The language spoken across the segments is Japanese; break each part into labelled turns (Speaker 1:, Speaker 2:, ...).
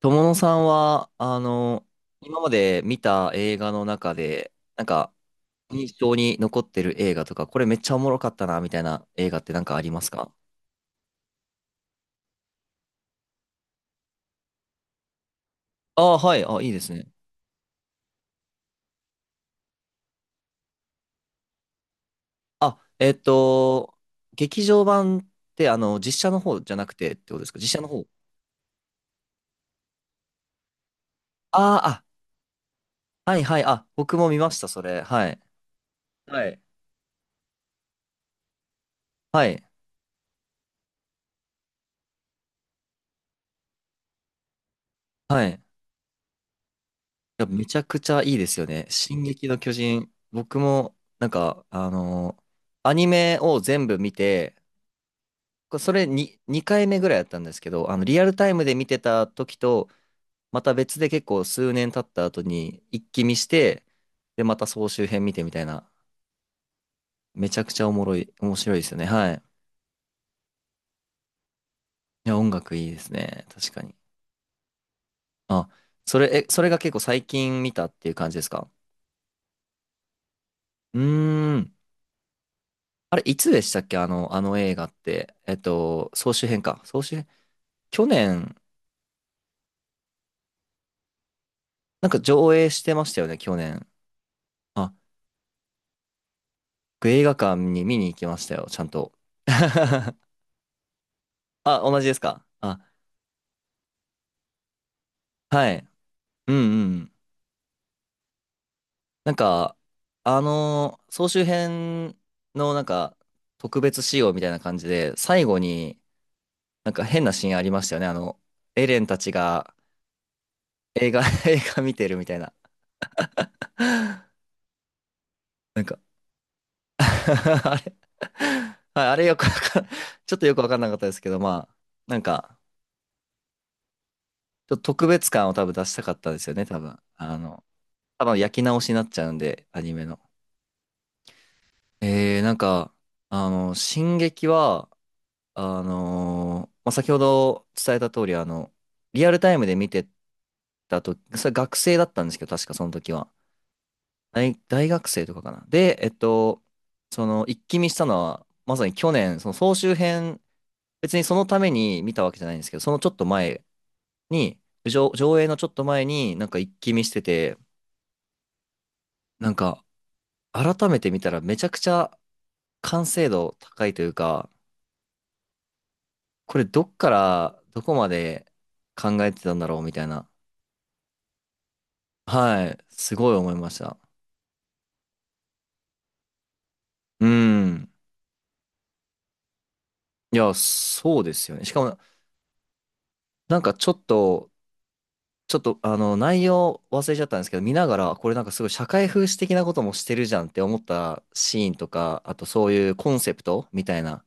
Speaker 1: 友野さんは、今まで見た映画の中で、なんか、印象に残ってる映画とか、これめっちゃおもろかったな、みたいな映画ってなんかありますか？ああー、はい。あ、いいですね。あ、劇場版って、実写の方じゃなくてってことですか？実写の方。あーあ、はいはい。あ、僕も見ました、それ。はい。はい。はい。はい。いや、めちゃくちゃいいですよね。進撃の巨人。僕も、なんか、アニメを全部見て、それに2回目ぐらいやったんですけど、リアルタイムで見てた時と、また別で結構数年経った後に一気見して、で、また総集編見てみたいな、めちゃくちゃおもろい、面白いですよね。はい。いや、音楽いいですね。確かに。あ、それが結構最近見たっていう感じですか？うーん。あれ、いつでしたっけ？あの映画って。総集編か。総集編。去年、なんか上映してましたよね、去年。あ、僕映画館に見に行きましたよ、ちゃんと。あ、同じですか？あ、はい。うんうん。なんか、総集編のなんか、特別仕様みたいな感じで、最後になんか変なシーンありましたよね。エレンたちが映画、映画見てるみたいな。なんか あれ、はい、あれよくわかん、ちょっとよくわかんなかったですけど、まあ、なんか、ちょっと特別感を多分出したかったですよね、多分。多分焼き直しになっちゃうんで、アニメの。なんか、進撃は、まあ、先ほど伝えた通り、リアルタイムで見てたとき、それ学生だったんですけど、確かその時は。大学生とかかな。で、その、一気見したのは、まさに去年、その総集編、別にそのために見たわけじゃないんですけど、そのちょっと前に、上映のちょっと前に、なんか一気見してて、なんか、改めて見たらめちゃくちゃ完成度高いというか、これどっからどこまで考えてたんだろうみたいな。はい。すごい思いました。うん。いや、そうですよね。しかも、なんかちょっと、ちょっと、内容忘れちゃったんですけど、見ながら、これなんかすごい社会風刺的なこともしてるじゃんって思ったシーンとか、あとそういうコンセプトみたいな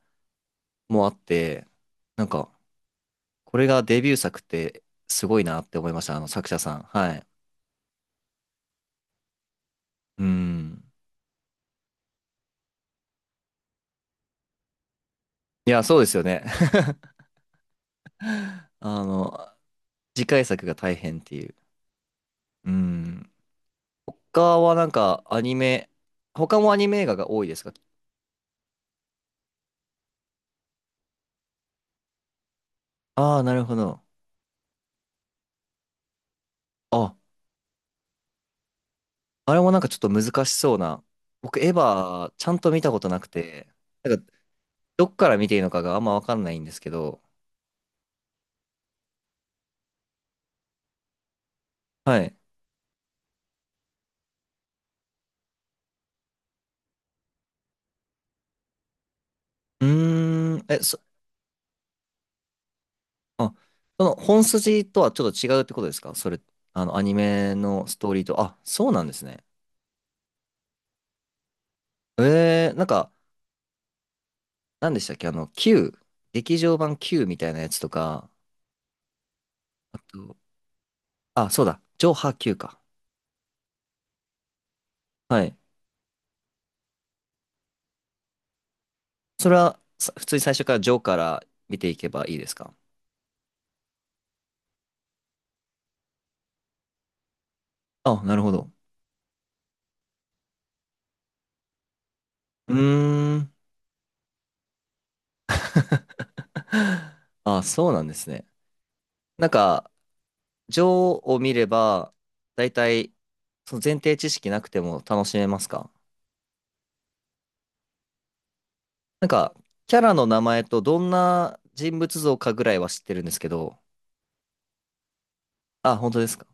Speaker 1: もあって、なんか、これがデビュー作ってすごいなって思いました。あの作者さん。はい。うん。いや、そうですよね。あの、次回作が大変っていう。うん。他はなんかアニメ、他もアニメ映画が多いですか？ああー、なるほど。あ、あれもなんかちょっと難しそうな。僕、エヴァ、ちゃんと見たことなくて、なんか、どっから見ていいのかがあんまわかんないんですけど、はい。うーん、あ、その本筋とはちょっと違うってことですか？それ、アニメのストーリーと。あ、そうなんですね。なんか、何でしたっけ？Q、劇場版 Q みたいなやつとか、あと、あ、そうだ、ジョーハー Q か。はい。それは、普通に最初からジョーから見ていけばいいですか？あ、なるほど。うーん。あ、そうなんですね。なんか、ジョーを見れば、大体、その前提知識なくても楽しめますか？なんか、キャラの名前とどんな人物像かぐらいは知ってるんですけど、あ、本当ですか？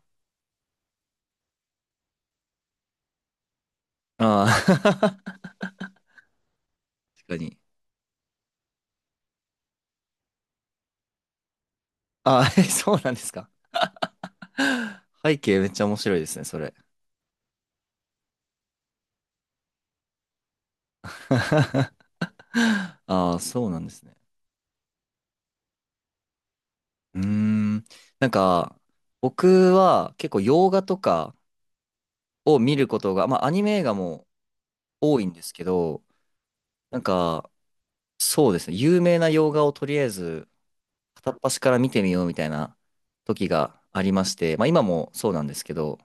Speaker 1: ああー、確かに。あ、そうなんですか。背景めっちゃ面白いですね、それ。ああ、そうなんですね。うーん。なんか、僕は結構洋画とかを見ることが、まあアニメ映画も多いんですけど、なんか、そうですね、有名な洋画をとりあえず片っ端から見てみようみたいな時がありまして、まあ今もそうなんですけど、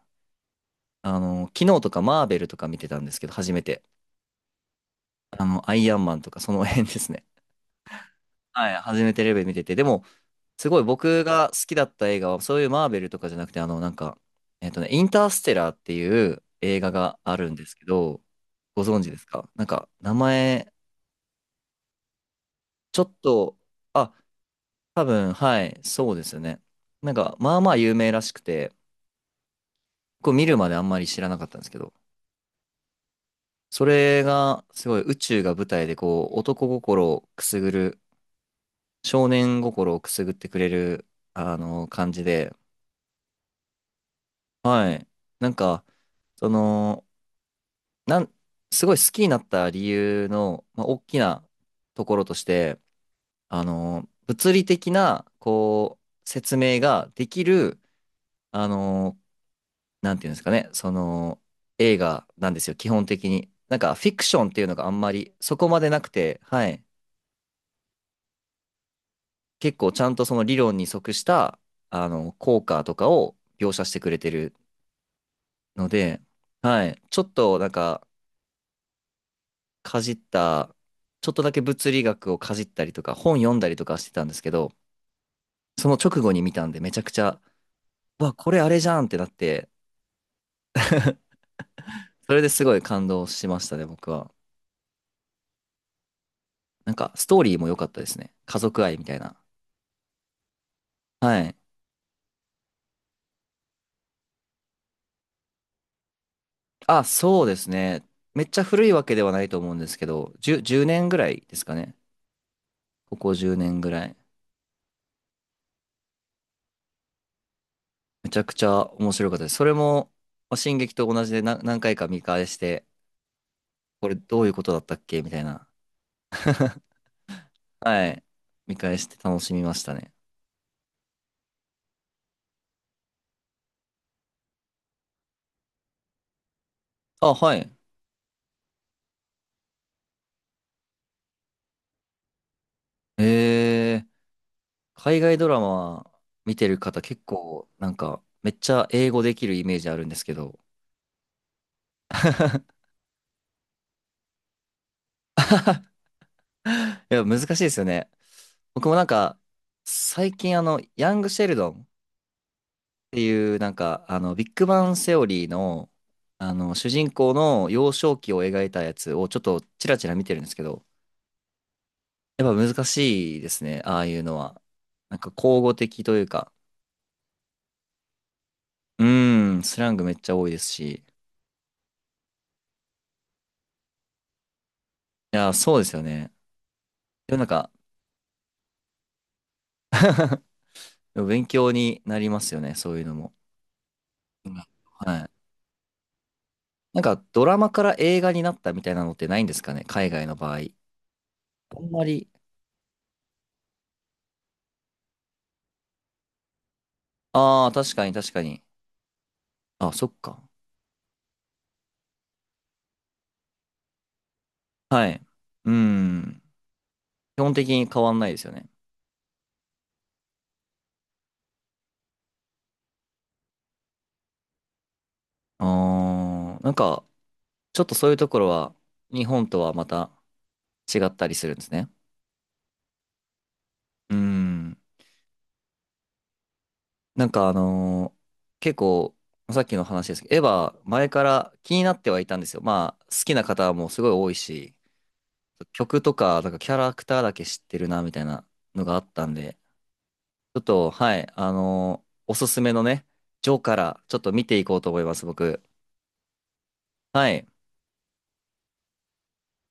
Speaker 1: 昨日とかマーベルとか見てたんですけど、初めて。アイアンマンとかその辺ですね。はい、初めてレベル見てて、でも、すごい僕が好きだった映画は、そういうマーベルとかじゃなくて、なんか、インターステラーっていう映画があるんですけど、ご存知ですか？なんか、名前、ちょっと、あ、多分、はい、そうですね。なんか、まあまあ有名らしくて、こう見るまであんまり知らなかったんですけど、それが、すごい宇宙が舞台で、こう、男心をくすぐる、少年心をくすぐってくれる、感じで、はい。なんか、その、なん、すごい好きになった理由の、まあ、大きなところとして、物理的な、こう、説明ができる、あの、なんていうんですかね、その、映画なんですよ、基本的に。なんか、フィクションっていうのがあんまり、そこまでなくて、はい。結構、ちゃんとその理論に即した、効果とかを描写してくれてるので、はい。ちょっと、なんか、かじった、ちょっとだけ物理学をかじったりとか、本読んだりとかしてたんですけど、その直後に見たんで、めちゃくちゃ、うわ、これあれじゃんってなって、それですごい感動しましたね、僕は。なんか、ストーリーも良かったですね。家族愛みたいな。はい。あ、そうですね。めっちゃ古いわけではないと思うんですけど、10、年ぐらいですかね。ここ10年ぐらい。めちゃくちゃ面白かったです。それも、まあ進撃と同じでな何回か見返して、これどういうことだったっけみたいな はい。見返して楽しみましたね。あ、はい。えー、海外ドラマ見てる方結構、なんか、めっちゃ英語できるイメージあるんですけど。いや、難しいですよね。僕もなんか、最近ヤング・シェルドンっていう、なんか、ビッグバン・セオリーの、主人公の幼少期を描いたやつをちょっとチラチラ見てるんですけど、やっぱ難しいですね、ああいうのは。なんか、口語的というか、うーん、スラングめっちゃ多いですし。いや、そうですよね。でもなんか でも勉強になりますよね、そういうのも。うんはい。なんか、ドラマから映画になったみたいなのってないんですかね、海外の場合。あんまり。ああ、確かに確かに。あ、そっか。はい。うーん。基本的に変わんないですよね。ああ、なんか、ちょっとそういうところは、日本とはまた違ったりするんですね。うーん。なんか結構、さっきの話ですけど、エヴァ、前から気になってはいたんですよ。まあ、好きな方もすごい多いし、曲とか、なんかキャラクターだけ知ってるな、みたいなのがあったんで、ちょっと、はい、おすすめのね、ジョーからちょっと見ていこうと思います、僕。はい。